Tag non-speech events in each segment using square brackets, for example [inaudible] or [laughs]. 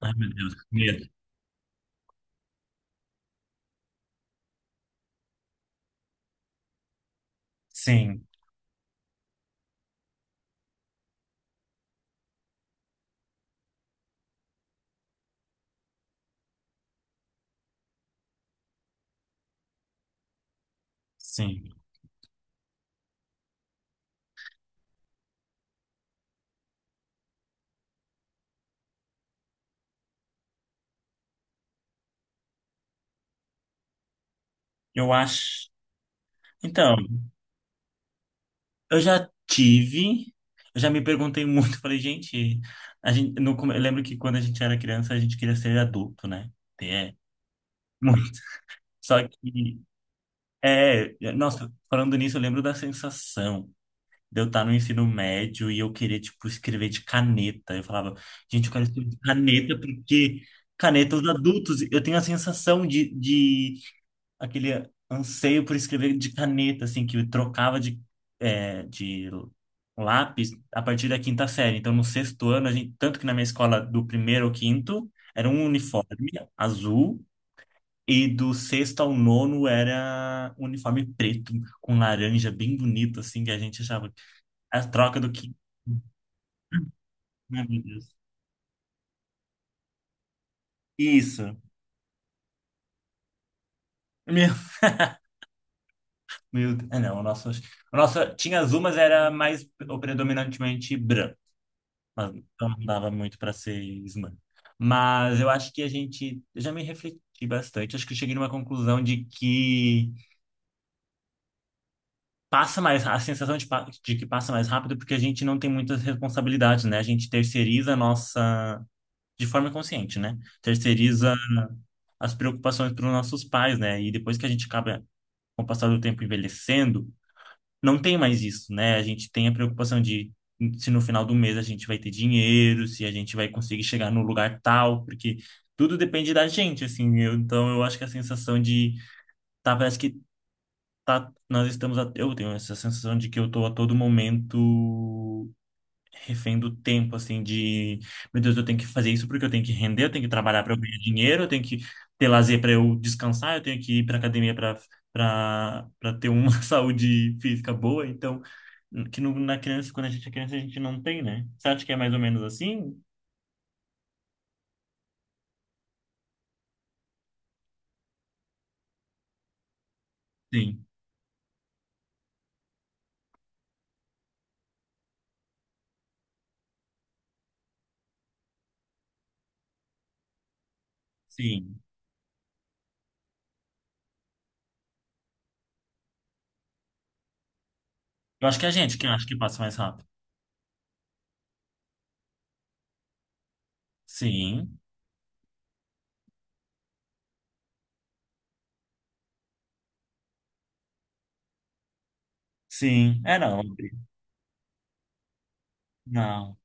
Ai, meu Deus, que medo. Sim, sim. Eu acho. Então, eu já tive, eu já me perguntei muito, [laughs] falei, gente, a gente, no, come- eu lembro que quando a gente era criança, a gente queria ser adulto, né? É, muito. [laughs] Só que, nossa, falando nisso, eu lembro da sensação de eu estar no ensino médio e eu querer, tipo, escrever de caneta. Eu falava, gente, eu quero escrever de caneta porque caneta os adultos, eu tenho a sensação de aquele anseio por escrever de caneta, assim, que eu trocava de lápis a partir da quinta série. Então, no sexto ano, a gente, tanto que na minha escola, do primeiro ao quinto, era um uniforme azul, e do sexto ao nono era um uniforme preto, com laranja, bem bonito, assim, que a gente achava. A troca do quinto. Meu Deus. Isso. Meu, meu Deus. Ah, não, o nosso tinha azul, mas era mais predominantemente branco. Mas então não dava muito para ser slam. Mas eu acho que a gente, eu já me refleti bastante, acho que eu cheguei numa conclusão de que passa mais, a sensação de, de que passa mais rápido porque a gente não tem muitas responsabilidades, né? A gente terceiriza a nossa, de forma consciente, né? Terceiriza as preocupações para os nossos pais, né? E depois que a gente acaba, com o passar do tempo, envelhecendo, não tem mais isso, né? A gente tem a preocupação de se no final do mês a gente vai ter dinheiro, se a gente vai conseguir chegar no lugar tal, porque tudo depende da gente, assim. Eu, então eu acho que a sensação de tá, parece que tá, nós estamos a, eu tenho essa sensação de que eu tô a todo momento refém do tempo, assim, de, meu Deus, eu tenho que fazer isso porque eu tenho que render, eu tenho que trabalhar para eu ganhar dinheiro, eu tenho que ter lazer para eu descansar, eu tenho que ir para academia para ter uma [laughs] saúde física boa, então que no- na criança, quando a gente é criança, a gente não tem, né? Você acha que é mais ou menos assim? Sim, sim. Eu acho que é a gente que acha que passa mais rápido. Sim, sim. É, não. Não,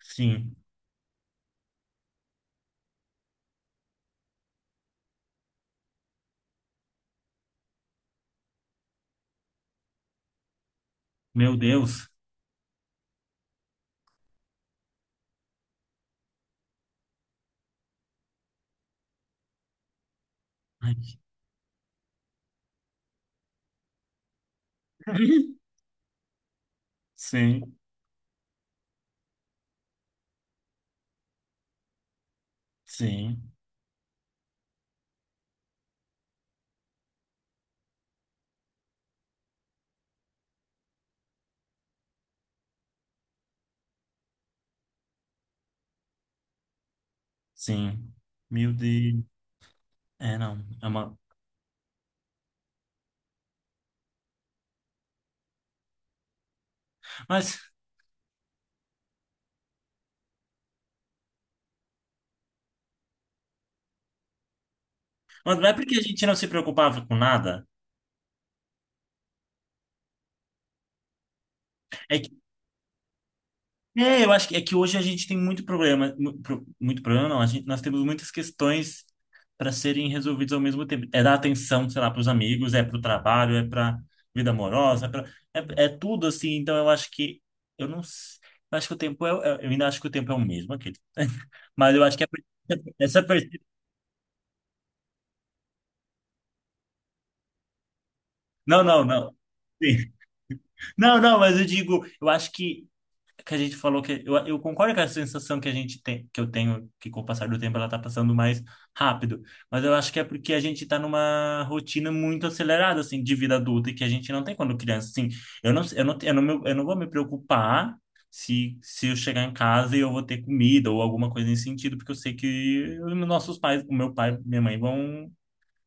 sim. Meu Deus. Ai. [laughs] Sim, sim, sim. Meu Deus. É, não. É uma... Mas, mas não é porque a gente não se preocupava com nada. É que, eu acho que é que hoje a gente tem muito problema. Muito problema, não. A gente, nós temos muitas questões para serem resolvidas ao mesmo tempo. É dar atenção, sei lá, para os amigos, é para o trabalho, é para vida amorosa, é tudo assim. Então eu acho que. Eu não. s- Eu acho que o tempo é. Eu ainda acho que o tempo é o mesmo, aquele. [laughs] Mas eu acho que é per- essa percepção. Não, não, não. Sim. Não, não, mas eu digo, eu acho que a gente falou que eu concordo com a sensação que a gente tem, que eu tenho, que com o passar do tempo ela tá passando mais rápido, mas eu acho que é porque a gente tá numa rotina muito acelerada assim de vida adulta e que a gente não tem quando criança, assim. Eu não vou me preocupar se eu chegar em casa e eu vou ter comida ou alguma coisa nesse sentido, porque eu sei que os nossos pais, o meu pai, minha mãe vão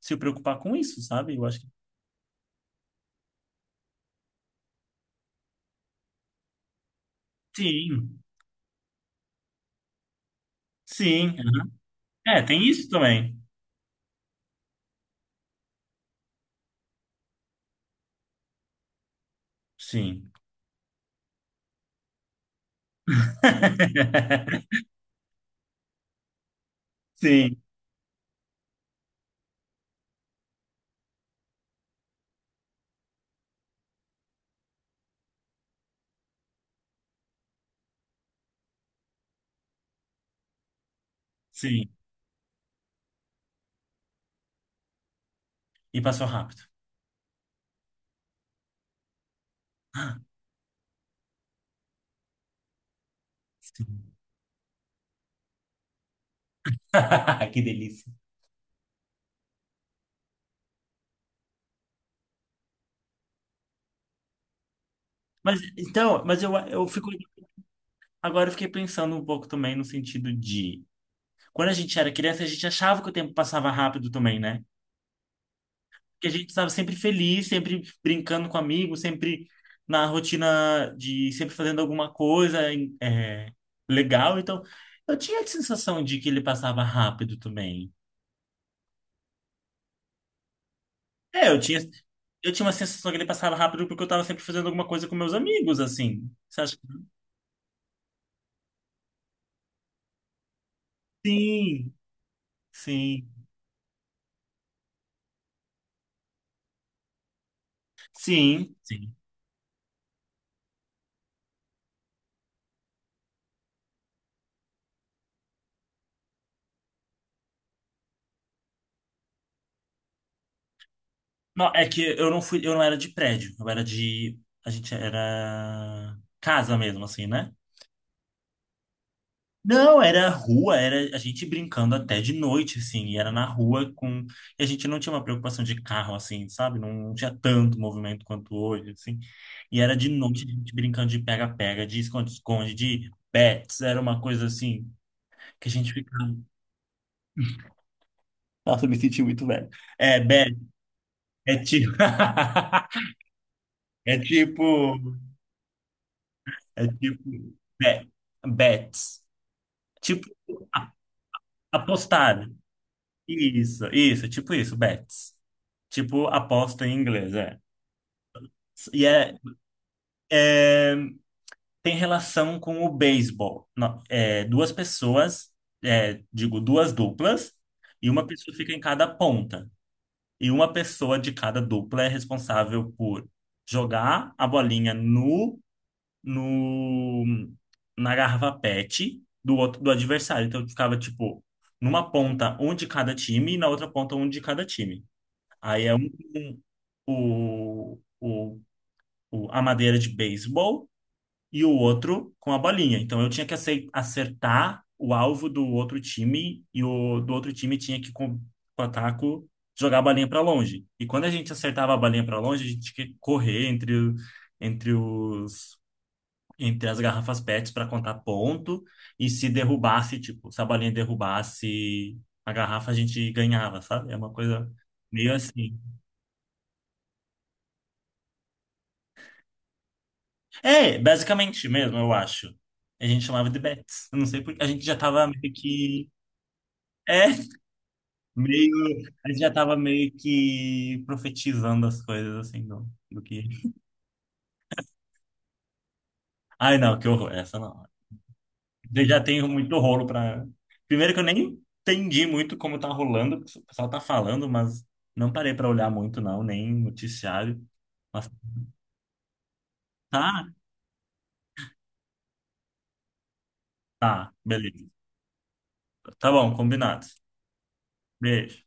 se preocupar com isso, sabe? Eu acho que sim, sim. É, tem isso também. Sim. [laughs] Sim. Sim. E passou rápido. Sim. [laughs] Que delícia. Mas então, mas eu fico agora eu fiquei pensando um pouco também no sentido de quando a gente era criança, a gente achava que o tempo passava rápido também, né? Porque a gente estava sempre feliz, sempre brincando com amigos, sempre na rotina de sempre fazendo alguma coisa legal. Então, eu tinha a sensação de que ele passava rápido também. É, eu tinha uma sensação que ele passava rápido porque eu estava sempre fazendo alguma coisa com meus amigos, assim. Você acha sim, sim, sim, sim. Não, é que eu não fui, eu não era de prédio, eu era de, a gente era casa mesmo, assim, né? Não, era rua, era a gente brincando até de noite, assim, e era na rua com, e a gente não tinha uma preocupação de carro, assim, sabe? Não, tinha tanto movimento quanto hoje, assim. E era de noite a gente brincando de pega-pega, de esconde-esconde, de bets, era uma coisa assim que a gente ficava. Nossa, eu me senti muito velho. É, bet, é tiro. [laughs] É tipo, é tipo bet, bets. Tipo a- apostar. Isso, isso, tipo isso, bets. Tipo aposta em inglês, é. E é, é, tem relação com o beisebol. Não, é, duas pessoas, é, digo, duas duplas, e uma pessoa fica em cada ponta. E uma pessoa de cada dupla é responsável por jogar a bolinha no no, na garrafa PET do outro, do adversário. Então ficava, tipo, numa ponta um de cada time e na outra ponta um de cada time. Aí é um, um- o, o, o- a madeira de beisebol e o outro com a bolinha. Então eu tinha que acertar o alvo do outro time e o do outro time tinha que, com o taco, jogar a bolinha para longe. E quando a gente acertava a bolinha para longe, a gente tinha que correr entre, o- entre os entre as garrafas PETs para contar ponto. E se derrubasse, tipo, se a bolinha derrubasse a garrafa, a gente ganhava, sabe? É uma coisa meio assim. É, basicamente mesmo, eu acho. A gente chamava de bets. Eu não sei porque a gente já tava meio que. É, meio. A gente já tava meio que profetizando as coisas, assim, do, do que. Ai, não, que horror, essa não. Eu já tenho muito rolo para. Primeiro que eu nem entendi muito como tá rolando, o pessoal tá falando, mas não parei para olhar muito, não, nem noticiário. Mas tá, tá, beleza. Tá bom, combinado. Beijo.